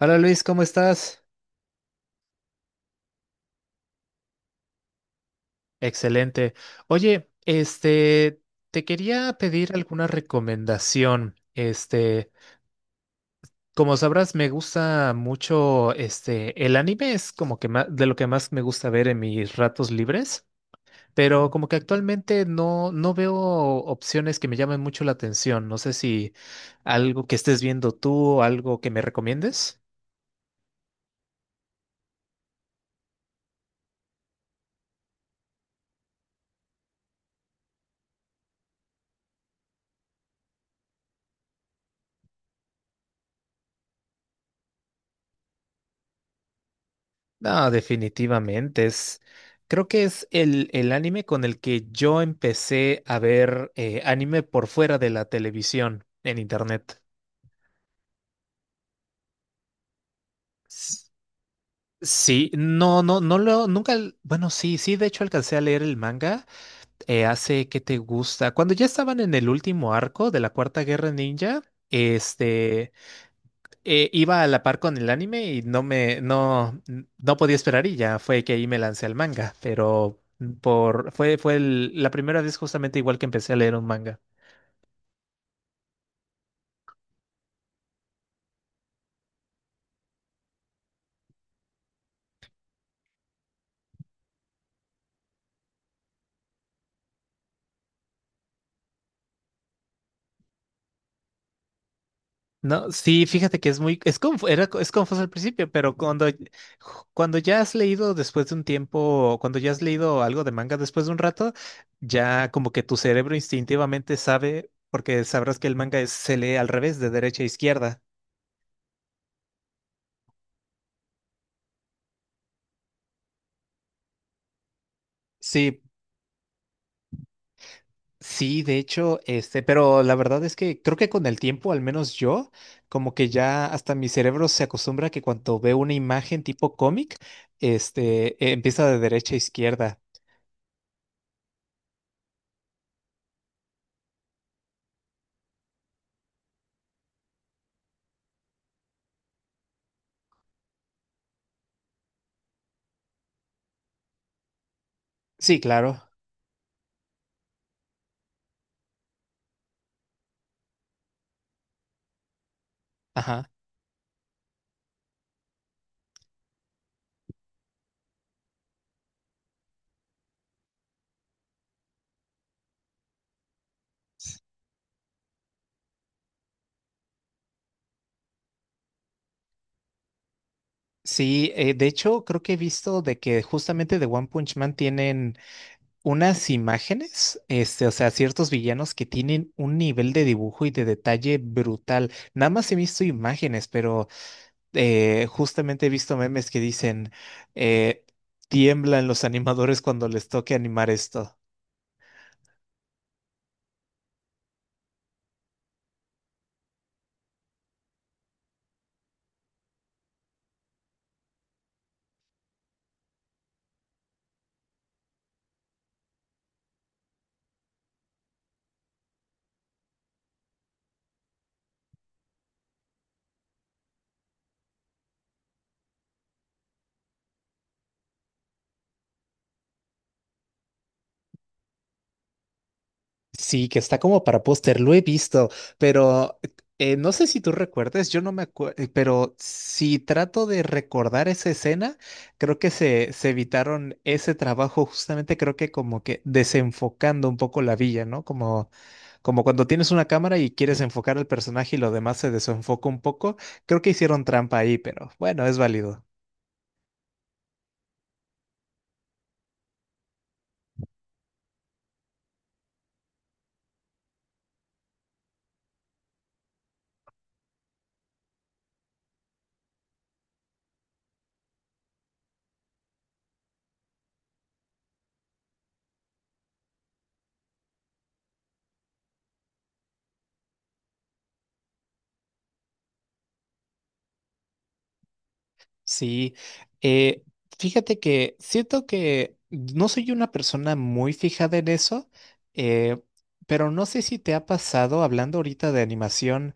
Hola Luis, ¿cómo estás? Excelente. Oye, te quería pedir alguna recomendación. Como sabrás, me gusta mucho, el anime es como que de lo que más me gusta ver en mis ratos libres, pero como que actualmente no veo opciones que me llamen mucho la atención. No sé si algo que estés viendo tú o algo que me recomiendes. No, definitivamente es. Creo que es el anime con el que yo empecé a ver anime por fuera de la televisión en internet. S- Sí, no, no, no lo, nunca, al- bueno, sí, sí, de hecho alcancé a leer el manga hace qué te gusta. Cuando ya estaban en el último arco de la Cuarta Guerra Ninja, este. Iba a la par con el anime y no me, no, no podía esperar y ya fue que ahí me lancé al manga, pero fue la primera vez justamente igual que empecé a leer un manga. No, sí, fíjate que es muy, es confuso al principio, pero cuando ya has leído después de un tiempo, cuando ya has leído algo de manga después de un rato, ya como que tu cerebro instintivamente sabe, porque sabrás que el manga se lee al revés, de derecha a izquierda. Sí. Sí, de hecho, pero la verdad es que creo que con el tiempo, al menos yo, como que ya hasta mi cerebro se acostumbra que cuando veo una imagen tipo cómic, empieza de derecha a izquierda. Sí, claro. Ajá. Sí, de hecho, creo que he visto de que justamente de One Punch Man tienen unas imágenes, o sea, ciertos villanos que tienen un nivel de dibujo y de detalle brutal. Nada más he visto imágenes, pero justamente he visto memes que dicen, eh, tiemblan los animadores cuando les toque animar esto. Sí, que está como para póster, lo he visto, pero no sé si tú recuerdes, yo no me acuerdo, pero si trato de recordar esa escena, creo que se evitaron ese trabajo justamente, creo que como que desenfocando un poco la villa, ¿no? Como, como cuando tienes una cámara y quieres enfocar al personaje y lo demás se desenfoca un poco, creo que hicieron trampa ahí, pero bueno, es válido. Sí, eh, fíjate que siento que no soy una persona muy fijada en eso, eh, pero no sé si te ha pasado, hablando ahorita de animación,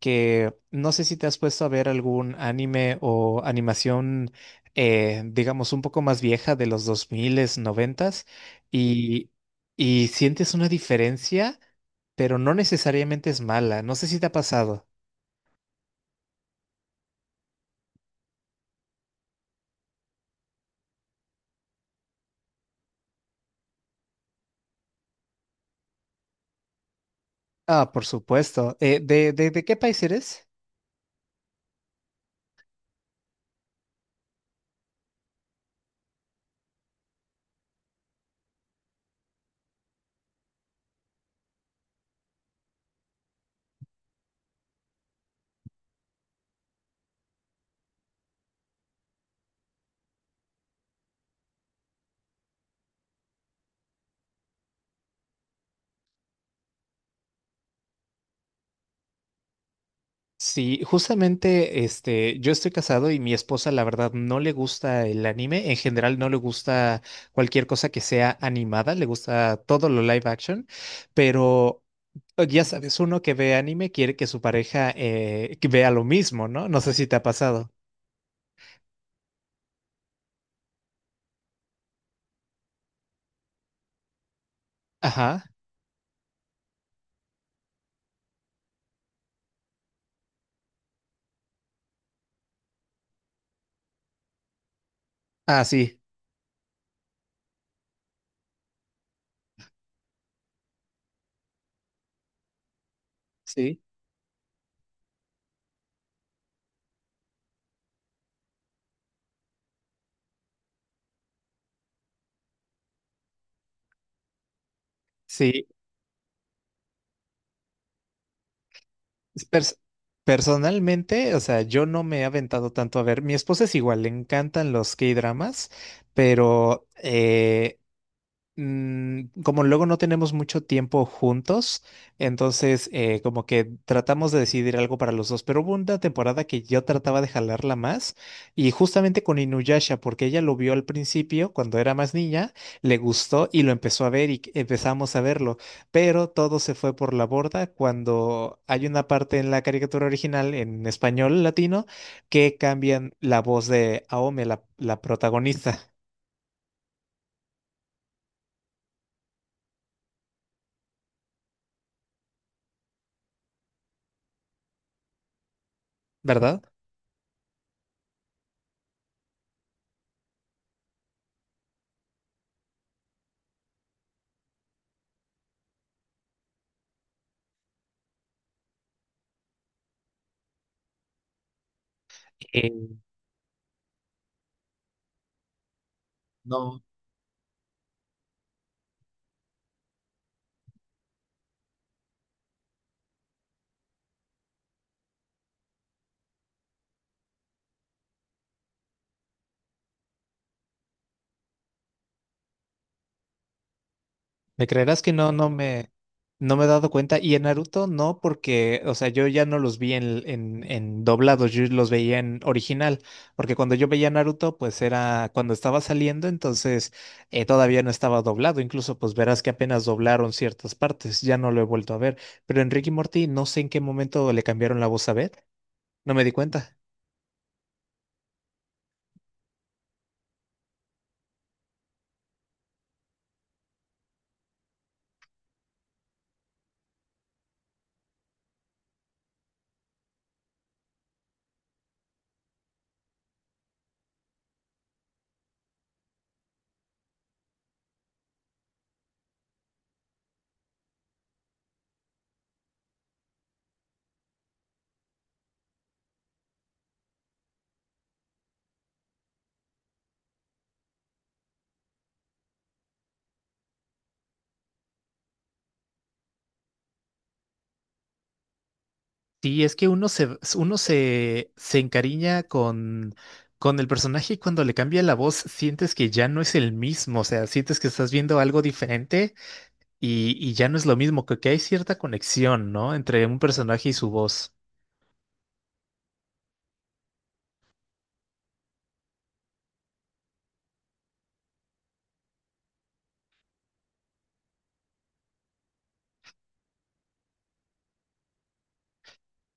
que no sé si te has puesto a ver algún anime o animación, digamos, un poco más vieja de los 2000, 90 y, y sientes una diferencia, pero no necesariamente es mala. No sé si te ha pasado. Ah, por supuesto. ¿De de qué país eres? Sí, justamente, yo estoy casado y mi esposa, la verdad, no le gusta el anime. En general, no le gusta cualquier cosa que sea animada. Le gusta todo lo live action, pero oh, ya sabes, uno que ve anime quiere que su pareja que vea lo mismo, ¿no? No sé si te ha pasado. Ajá. Ah, sí. Sí. Sí. Pers- Personalmente, o sea, yo no me he aventado tanto a ver. Mi esposa es igual, le encantan los K-dramas, pero como luego no tenemos mucho tiempo juntos, entonces como que tratamos de decidir algo para los dos, pero hubo una temporada que yo trataba de jalarla más y justamente con Inuyasha, porque ella lo vio al principio cuando era más niña, le gustó y lo empezó a ver y empezamos a verlo, pero todo se fue por la borda cuando hay una parte en la caricatura original en español latino que cambian la voz de Aome, la protagonista, ¿verdad? Me creerás que no, no me he dado cuenta. Y en Naruto no, porque, o sea, yo ya no los vi en doblados, yo los veía en original, porque cuando yo veía Naruto, pues era cuando estaba saliendo, entonces todavía no estaba doblado. Incluso, pues verás que apenas doblaron ciertas partes, ya no lo he vuelto a ver. Pero en Rick y Morty, no sé en qué momento le cambiaron la voz a Beth, no me di cuenta. Sí, es que uno se, se encariña con el personaje y cuando le cambia la voz sientes que ya no es el mismo, o sea, sientes que estás viendo algo diferente y ya no es lo mismo, que hay cierta conexión, ¿no? Entre un personaje y su voz.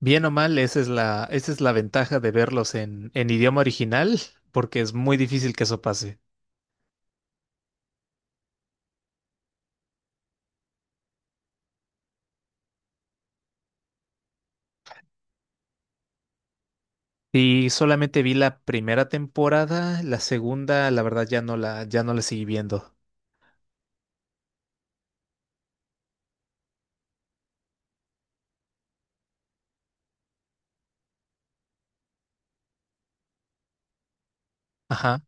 Bien o mal, esa es la ventaja de verlos en idioma original, porque es muy difícil que eso pase. Y solamente vi la primera temporada, la segunda, la verdad, ya no la seguí viendo. Ajá.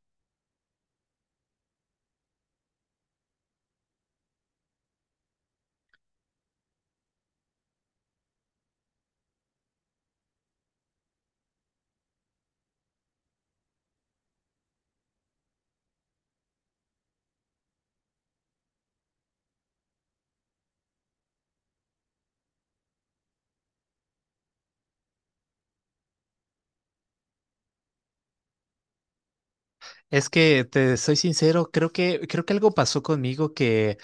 Es que te soy sincero, creo que algo pasó conmigo que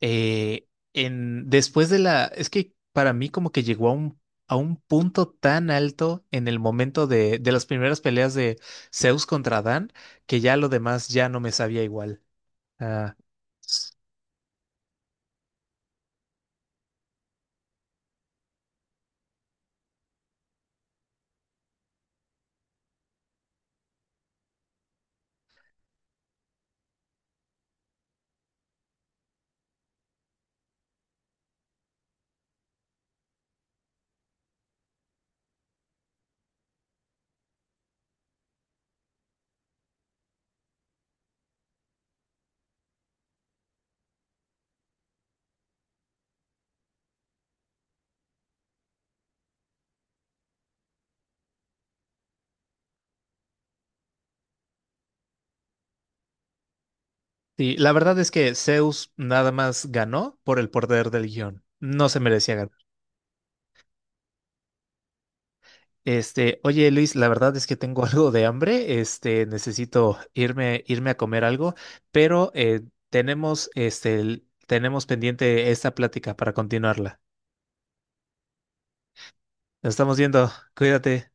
eh, en después de la es que para mí como que llegó a un punto tan alto en el momento de las primeras peleas de Zeus contra Dan que ya lo demás ya no me sabía igual. Ah, sí, la verdad es que Zeus nada más ganó por el poder del guión. No se merecía ganar. Oye Luis, la verdad es que tengo algo de hambre, necesito irme a comer algo, pero tenemos, tenemos pendiente esta plática para continuarla. Nos estamos viendo, cuídate.